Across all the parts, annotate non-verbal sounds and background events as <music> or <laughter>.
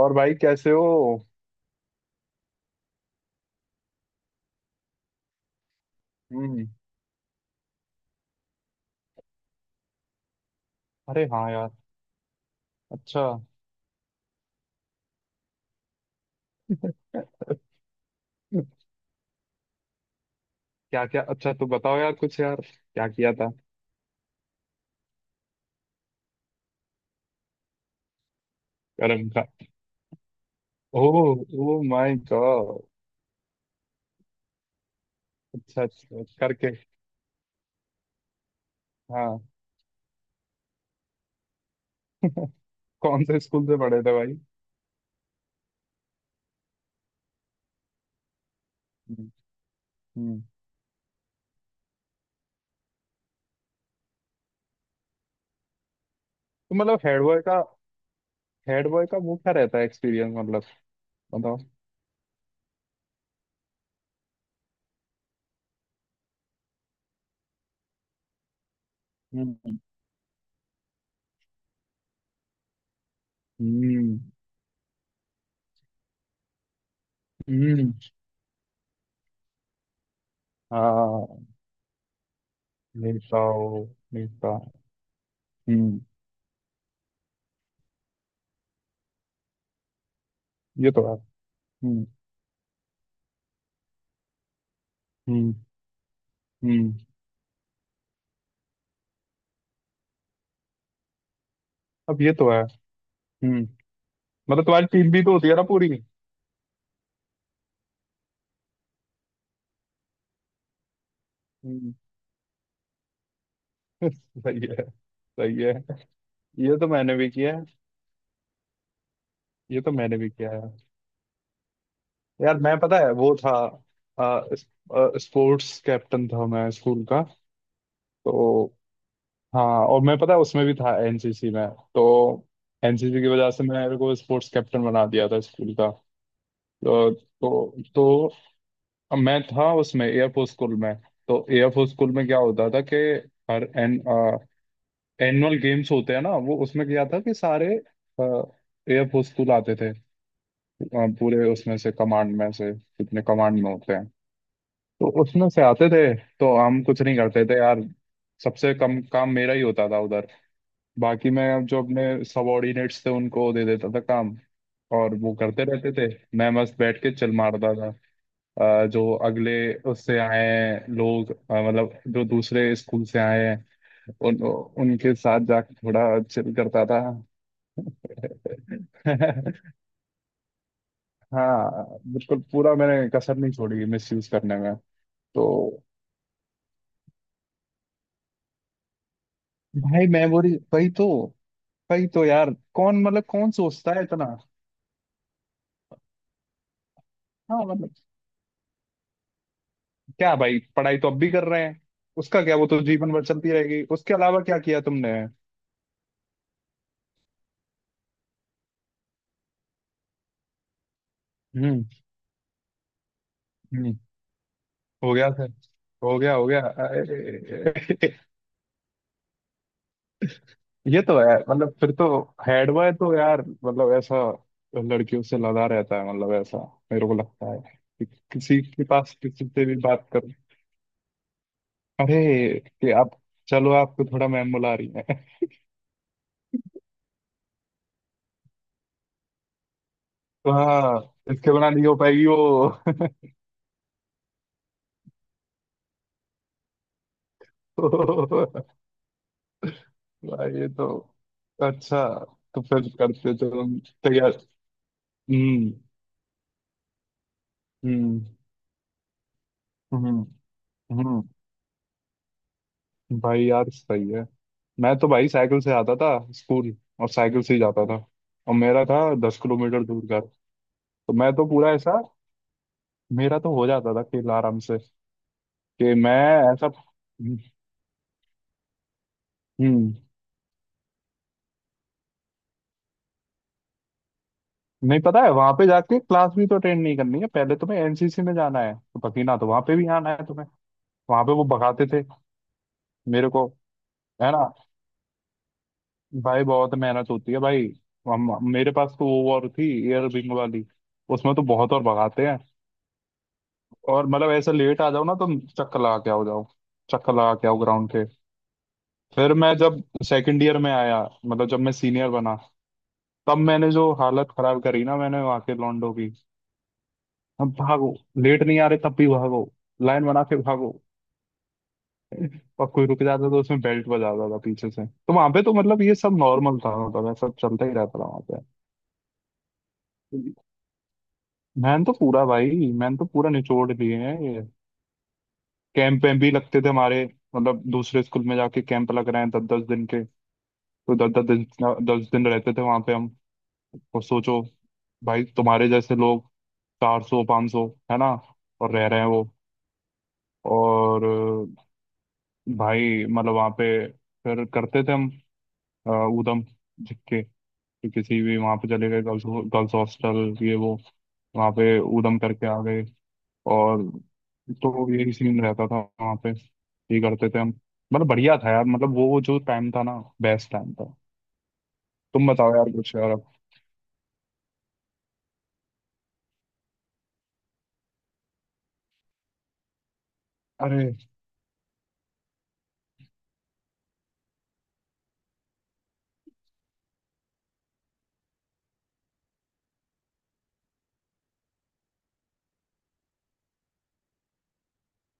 और भाई कैसे हो? हम्म। अरे हाँ यार। अच्छा। <laughs> क्या क्या, अच्छा तो बताओ यार कुछ यार, क्या किया था? कर्म का? Oh, oh my god. अच्छा अच्छा अच्छा। करके। हाँ। कौन से स्कूल से पढ़े थे भाई? हम्म। हम्म। तो मतलब हेड बॉय का। हेड बॉय का वो क्या रहता है एक्सपीरियंस मतलब, बताओ। हम्म। हम्म। हम्म, हाँ। नेता हो। नेता। हम्म। ये तो है। हम्म। हम्म। हम्म। अब ये तो है। हम्म। मतलब तुम्हारी टीम भी तो होती है ना पूरी। हम्म। <laughs> सही है। सही है। ये तो मैंने भी किया है। ये तो मैंने भी किया है। यार मैं पता है वो था। अ, स- स्पोर्ट्स कैप्टन था मैं स्कूल का। तो हाँ, और मैं पता है उसमें भी था एनसीसी में। तो एनसीसी की वजह से मेरे को स्पोर्ट्स कैप्टन बना दिया था स्कूल का। तो तो मैं था उसमें एयरफोर्स स्कूल में। तो एयरफोर्स स्कूल में क्या होता था कि हर एन एनुअल गेम्स होते हैं ना, वो उसमें क्या था कि सारे एयर फोर्स आते थे। पूरे उसमें से कमांड में से जितने कमांड में होते हैं, तो उसमें से आते थे। तो हम कुछ नहीं करते थे यार। सबसे कम काम मेरा ही होता था उधर। बाकी मैं जो अपने सबॉर्डिनेट्स थे उनको दे देता था काम, और वो करते रहते थे। मैं बस बैठ के चिल मारता था। जो अगले उससे आए हैं लोग, मतलब जो दूसरे स्कूल से आए हैं, उन उनके साथ जाके थोड़ा चिल करता था। <laughs> हाँ। बिल्कुल पूरा मैंने कसर नहीं छोड़ी मिस यूज करने में। तो भाई मेमोरी वही तो, वही तो यार, कौन मतलब कौन सोचता है इतना। हाँ मतलब, क्या भाई, पढ़ाई तो अब भी कर रहे हैं। उसका क्या, वो तो जीवन भर चलती रहेगी, उसके अलावा क्या किया तुमने? हम्म। हम्म। हो गया सर। हो गया हो गया, अरे! <laughs> ये तो है, मतलब फिर तो हेड बॉय तो यार मतलब ऐसा लड़कियों से लदा रहता है मतलब, ऐसा मेरे को लगता है। कि किसी के पास किसी से भी बात कर। अरे कि आप, चलो आपको थोड़ा मैम बुला रही है। <laughs> तो हाँ, इसके बिना नहीं हो पाएगी वो। <laughs> भाई ये तो। अच्छा। तो फिर करते तो हम। तैयार। हम्म। हम्म। हम्म। हम्म। भाई यार सही है। मैं तो भाई साइकिल से आता था स्कूल, और साइकिल से ही जाता था। और मेरा था 10 किलोमीटर दूर घर। तो मैं तो पूरा ऐसा, मेरा तो हो जाता था खेल आराम से कि मैं ऐसा। हम्म। हम्म, नहीं, पता है वहां पे जाके क्लास भी तो अटेंड नहीं करनी है, पहले तुम्हें एनसीसी में जाना है, तो पकीना तो वहां पे भी आना है तुम्हें। वहां पे वो भगाते थे मेरे को। है ना। भाई बहुत मेहनत होती है भाई। हम मेरे पास तो वो वॉर थी, एयर विंग वाली। उसमें तो बहुत और भगाते हैं। और मतलब ऐसा लेट आ जाओ ना तुम, चक्कर लगा के आओ जाओ, चक्कर लगा के आओ ग्राउंड के। फिर मैं जब सेकंड ईयर में आया, मतलब जब मैं सीनियर बना, तब मैंने जो हालत खराब करी ना मैंने वहां के लॉन्डो की। अब भागो, लेट नहीं आ रहे तब भी भागो, लाइन बना के भागो। और कोई रुक जाता तो उसमें बेल्ट बजाता था पीछे से। तो वहां पे तो मतलब ये सब नॉर्मल था, मतलब ऐसा चलता ही रहता था वहां पे। मैंने तो पूरा भाई, मैंने तो पूरा निचोड़ लिए हैं ये। कैंप वैम्प भी लगते थे हमारे, मतलब दूसरे स्कूल में जाके कैंप लग रहे हैं दस दस दिन के। तो दस दस दिन, दस दिन रहते थे वहां पे हम। और सोचो, भाई तुम्हारे जैसे लोग 400-500, है ना, और रह रहे हैं वो। और भाई मतलब वहाँ पे फिर करते थे हम अ, उधम। जिसके कि किसी भी वहाँ पे चले गए गर्ल्स, गर्ल्स हॉस्टल ये वो, वहाँ पे उधम करके आ गए। और तो यही सीन रहता था वहाँ पे, ये करते थे हम। मतलब बढ़िया था यार, मतलब वो जो टाइम था ना, बेस्ट टाइम था। तुम बताओ यार कुछ यार अब। अरे।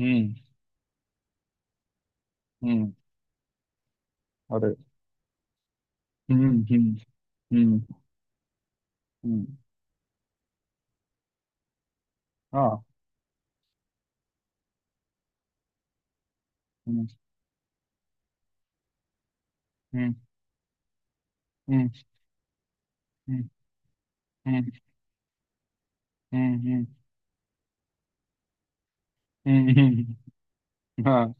हम्म। हम्म। अरे। हम्म। हम्म। हम्म। हम्म। हाँ। हम्म। हम्म। हम्म। हम्म। हम्म। हम्म। हम्म, हम्म, हाँ।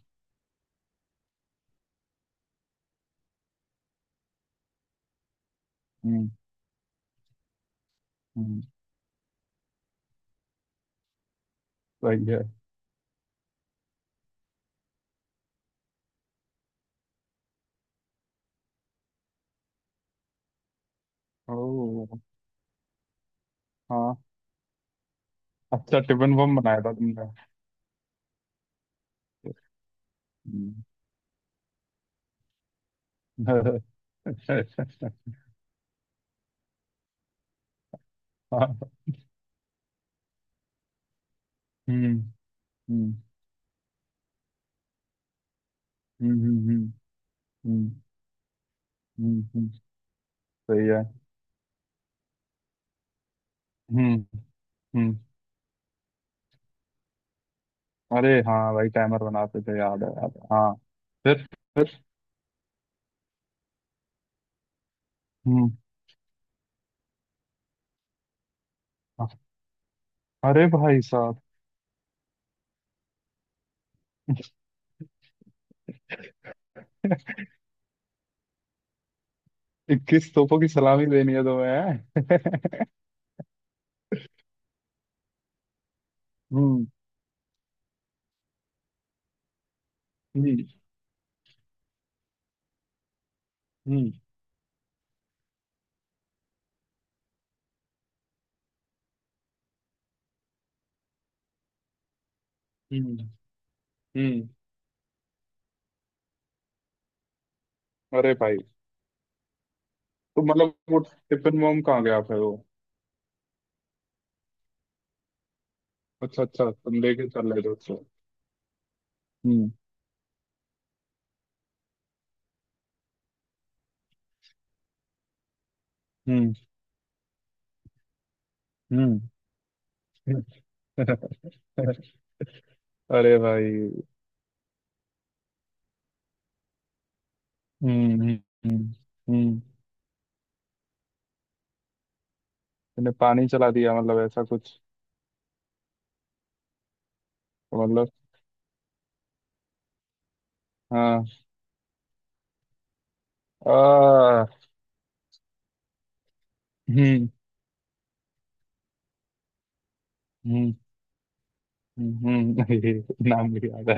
हम्म। हम्म। सही है। ओ। हाँ। अच्छा, टिफिन बम बनाया था तुमने? हम्म। <laughs> अच्छा अच्छा अच्छा। हाँ। हम्म। हम्म। हम्म। हम्म। हम्म। हम्म, हम्म। सही है। हम्म। हम्म। अरे हाँ भाई, टाइमर बनाते थे, याद है, याद है, हाँ। फिर? फिर? हम्म। अरे भाई साहब! 21 तोपों की सलामी देनी है तुम्हें। <laughs> हम्म। हम्म। हम्म। हम्म। हम्म। अरे भाई, तो मतलब वो टिफिन बम कहाँ गया फिर वो? अच्छा अच्छा, तुम लेके चल रहे थे उसको। हम्म। हम्म। हम्म। <laughs> अरे भाई। हम्म। हम्म। हम्म। हम्म। मैंने पानी चला दिया मतलब ऐसा कुछ? तो मतलब? हाँ। आ। हम्म। हम्म। हम्म। <laughs> नाम भी याद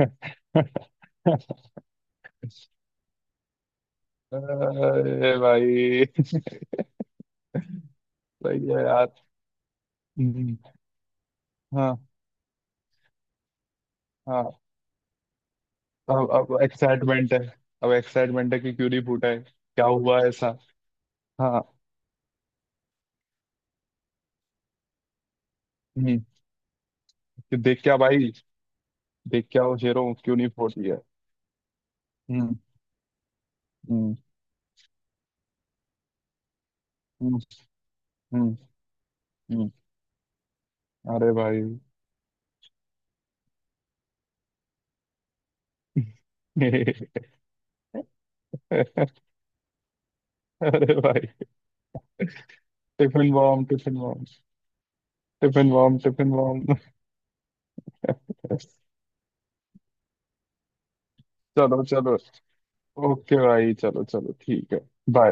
है। <laughs> अरे भाई। सही है यार। हम्म, हाँ। हाँ। अब एक्साइटमेंट है। अब एक्साइटमेंट है कि क्यों नहीं फूटा है, क्या हुआ ऐसा। हाँ। हम्म। कि देख क्या भाई, देख क्या हो शेरों, क्यों नहीं फोड़ती है। हम्म। हम्म। हम्म। हम्म। हम्म। अरे भाई। <laughs> अरे भाई। Tiffin bomb, tiffin bomb. Tiffin bomb, tiffin bomb. <laughs> चलो चलो, ओके भाई, चलो चलो ठीक है। बाय।